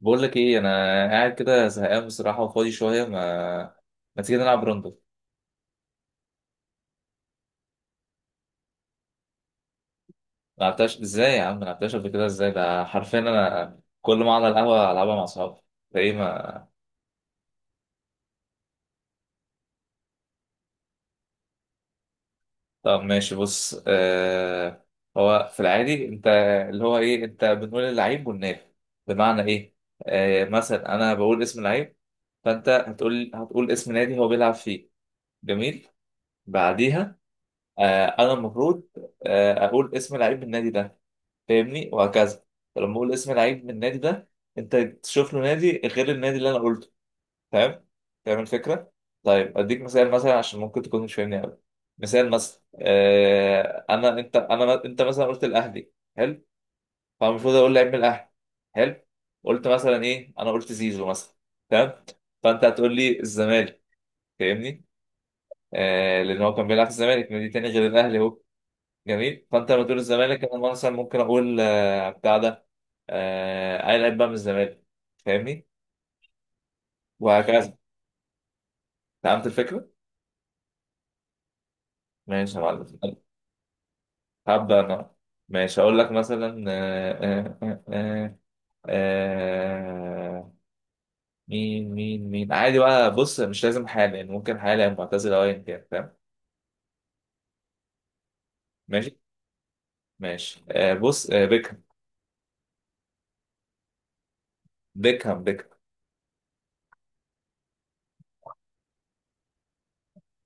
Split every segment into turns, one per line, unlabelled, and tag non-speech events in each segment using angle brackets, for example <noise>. بقول لك ايه؟ انا قاعد كده زهقان بصراحه، وفاضي شويه. ما تيجي نلعب روندو؟ ما لعبتهاش ازاي يا عم؟ ما لعبتهاش قبل كده ازاي؟ ده حرفيا انا كل ما اقعد على القهوه العبها مع اصحابي. ده ايه ما؟ طب ماشي، بص. هو في العادي انت اللي هو ايه؟ انت بنقول اللعيب والنادي، بمعنى ايه؟ مثلا انا بقول اسم لعيب، فانت هتقول اسم نادي هو بيلعب فيه. جميل، بعديها انا المفروض اقول اسم لعيب النادي ده، فاهمني؟ وهكذا. فلما بقول اسم لعيب من النادي ده، انت تشوف له نادي غير النادي اللي انا قلته. تمام، فاهم الفكره؟ طيب اديك مثال، مثلا عشان ممكن تكون مش فاهمني قوي. مثال مثلا، آه انا انت انا انت مثلا قلت الاهلي. حلو، فالمفروض اقول لعيب من الاهلي. حلو، قلت مثلا ايه؟ انا قلت زيزو مثلا. تمام، فانت هتقول لي الزمالك، فاهمني؟ آه، لان هو كان بيلعب في الزمالك، نادي تاني غير الاهلي هو. جميل، فانت لو تقول الزمالك انا مثلا ممكن اقول بتاع ده، اي لعيب بقى من الزمالك، فاهمني؟ وهكذا. فهمت الفكره؟ ماشي يا معلم، هبدا انا. ماشي هقول لك مثلا آه، مين عادي بقى، بص مش لازم حالا يعني، ممكن حالا أو معتزل او ايا كان، فاهم؟ ماشي ماشي. بص، بيكهام. بيكهام، بيكهام.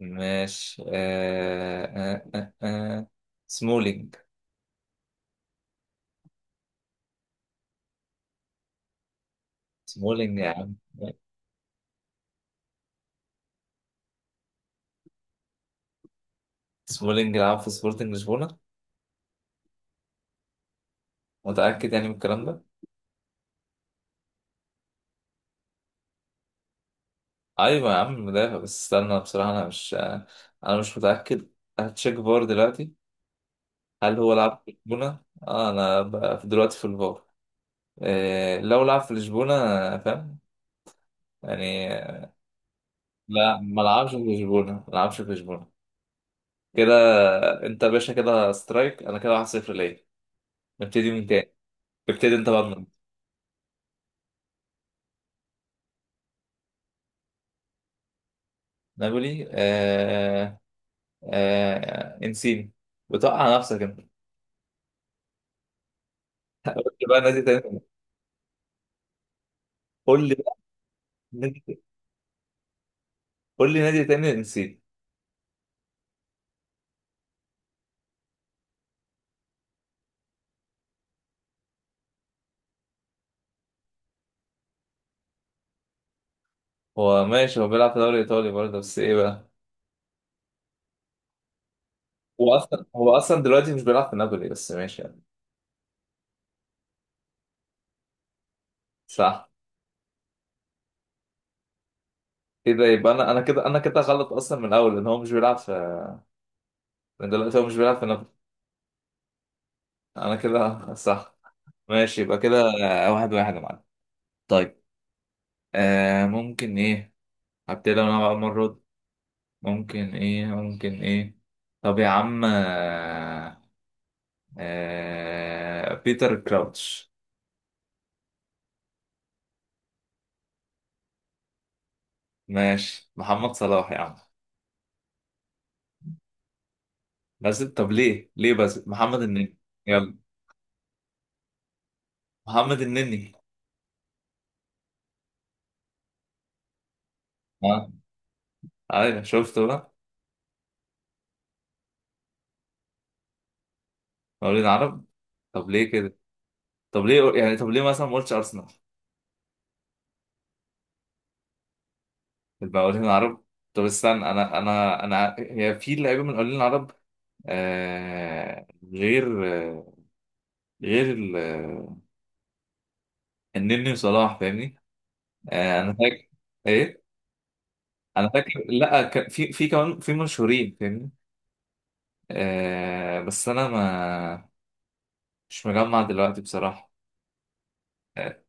ماشي سمولينج. سمولينج يا عم. سمولينج لعب في سبورتنج لشبونة. متأكد يعني من الكلام ده؟ أيوة يا عم، المدافع. بس استنى بصراحة، أنا مش متأكد. هتشيك فار دلوقتي، هل هو لعب في لشبونة؟ أنا بقى دلوقتي في الفار، إيه لو لعب في لشبونة؟ فاهم يعني. لا، ما لعبش في لشبونة، ما لعبش في لشبونة كده. أنت يا باشا كده سترايك، أنا كده 1-0 ليا. نبتدي من تاني، ابتدي أنت بقى من. نابولي، إنسيني. بتوقع نفسك أنت. قول لي بقى نادي تاني، قول لي بقى نادي، قول لي نادي تاني، نسيت. هو ماشي، هو بيلعب في الدوري الايطالي برضه، بس ايه بقى؟ هو اصلا دلوقتي مش بيلعب في نابولي، بس ماشي يعني. صح. ايه ده؟ يبقى انا، انا كده غلط اصلا من الاول، ان هو مش بيلعب في، من دلوقتي هو مش بيلعب في نابولي. انا كده <laughs> صح. ماشي يبقى كده. 1-1 يا معلم. طيب ممكن ايه؟ هبتدي انا بقى المره دي. ممكن ايه. طب يا عم بيتر كراوتش. ماشي، محمد صلاح يا عم. بس طب ليه بس؟ محمد النني. يلا. محمد النني. ها، ايوه، شفته بقى. مقاولين عرب. طب ليه كده؟ طب ليه يعني؟ طب ليه مثلا ما قلتش ارسنال في المقاولين العرب؟ طب استنى، انا هي في لعيبه من المقاولين العرب آه غير، آه غير ال- آه، النني وصلاح، فاهمني؟ انا فاكر. ايه؟ انا فاكر، لا، في كمان في مشهورين، فاهمني؟ بس انا ما مش مجمع دلوقتي بصراحة. آه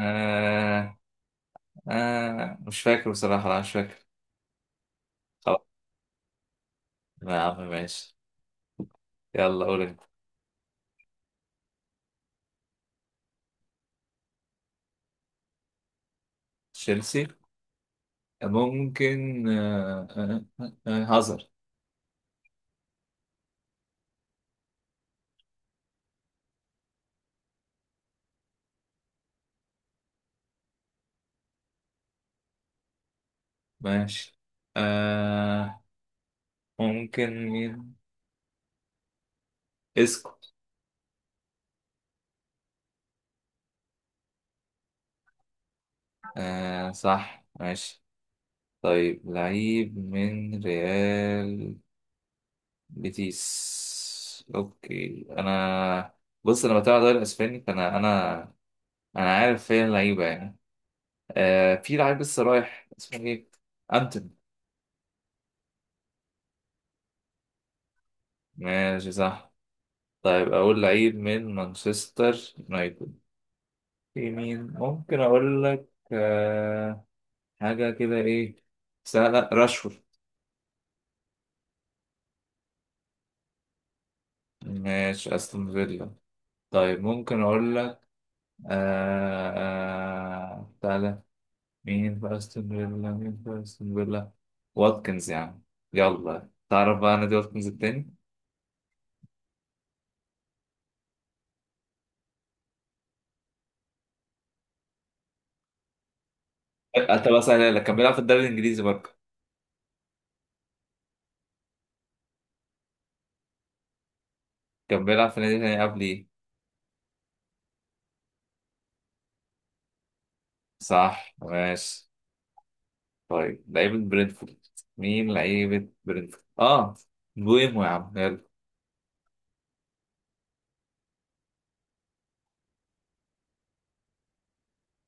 آه مش فاكر بصراحة، لا مش فاكر. خلاص يا عم، ماشي. يلا قول انت. تشيلسي، ممكن هازارد. ماشي. آه ممكن مين؟ اسكو. صح، ماشي. طيب لعيب من ريال بيتيس، اوكي انا. بص انا بتابع الدوري الاسباني، فانا انا انا عارف فين اللعيبه يعني. في لعيب لسه رايح اسمه ايه؟ انتوني. ماشي صح. طيب اقول لعيب من مانشستر يونايتد. في مين ممكن اقول لك؟ حاجة كده ايه؟ سهلة، راشفورد. ماشي، استون فيلا. طيب ممكن اقول لك، تعالى. مين في استون فيلا؟ مين في استون فيلا؟ واتكنز يعني. يلا تعرف بقى نادي واتكنز التاني؟ طب اسهلها لك، كان بيلعب في الدوري الانجليزي برضه. كان بيلعب في نادي تاني قبل ايه؟ صح ماشي. طيب لعيبة برينفورد، مين لعيبة برينفورد؟ اه، بويمو يا عم، يلا.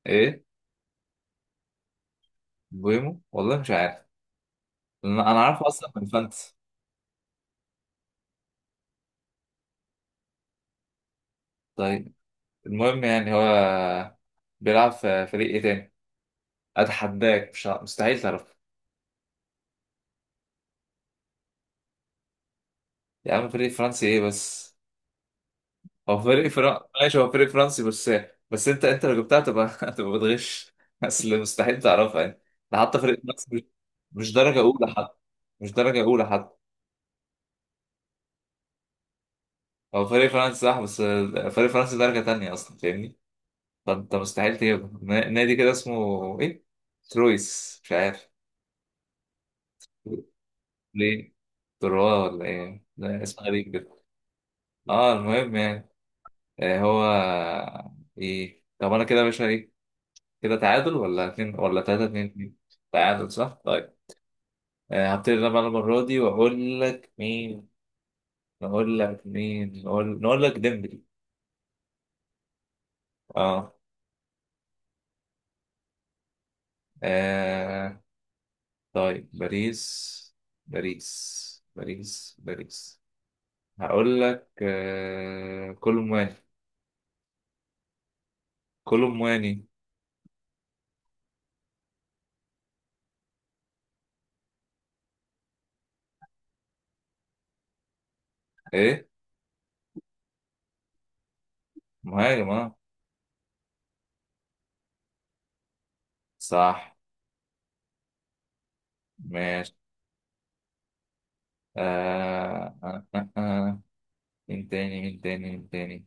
ايه؟ بويمو، والله مش عارف. أنا عارفه اصلا من فانتسي. طيب المهم يعني، هو بيلعب في فريق ايه تاني؟ اتحداك، مش مستحيل تعرف. يا عم فريق فرنسي ايه بس؟ هو فريق فرنسي ماشي، هو فريق فرنسي بس. بس انت لو جبتها تبقى <laughs> تبقى بتغش. اصل مستحيل تعرفها يعني، ده حتى فريق فرنسي مش درجة أولى حتى، مش درجة أولى حتى. هو فريق فرنسي صح، بس فريق فرنسي درجة تانية أصلا، فاهمني؟ فأنت مستحيل تجيبه، نادي كده اسمه إيه؟ ترويس، مش عارف ليه؟ تروا ولا إيه؟ ده اسم غريب كده. أه، المهم يعني هو إيه؟ طب أنا كده يا باشا إيه؟ كده تعادل ولا اتنين ولا تلاتة؟ 2-2؟ تعادل صح؟ طيب هبتدي أنا بقى المرة دي وأقول لك مين؟ نقول لك مين؟ نقول لك ديمبلي. أه، آه، طيب باريس. باريس، باريس، باريس. هقول لك كولومواني. كولومواني؟ ايه، مهاجم اه. صح ماشي. آه... آه... آه... آه. مين تاني؟ مين تاني؟ مين تاني؟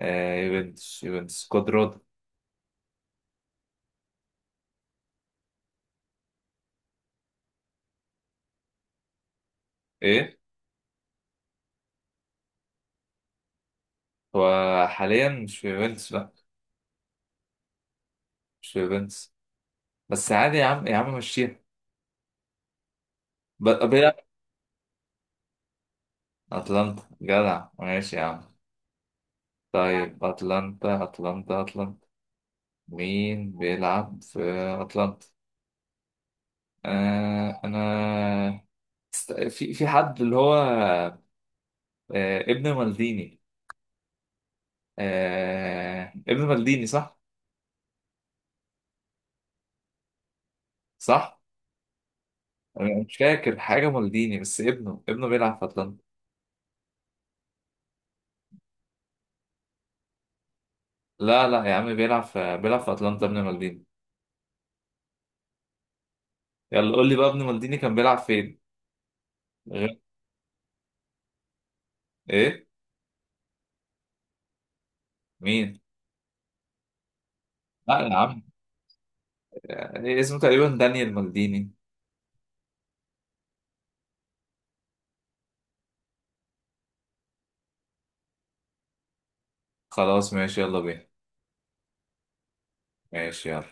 يوفنتوس. يوفنتوس، كودرود. ايه؟ هو حاليا مش في يوفنتوس، لا، مش في يوفنتوس. بس عادي يا عم، يا عم مشيها. بيلعب. اتلانتا جدع، ماشي يا عم. طيب اتلانتا اتلانتا اتلانتا، مين بيلعب في أتلانتا؟ أنا في حد اللي هو، ابن مالديني. ابن مالديني صح؟ صح؟ أنا مش فاكر حاجة مالديني، بس ابنه بيلعب في أتلانتا. لا لا يا عم، بيلعب في أتلانتا ابن مالديني. يلا قول لي بقى ابن مالديني كان بيلعب فين؟ غير. إيه؟ مين؟ لا يا عم، اسمه تقريبا دانيال مالديني. خلاص ماشي، يلا بينا. ماشي يلا.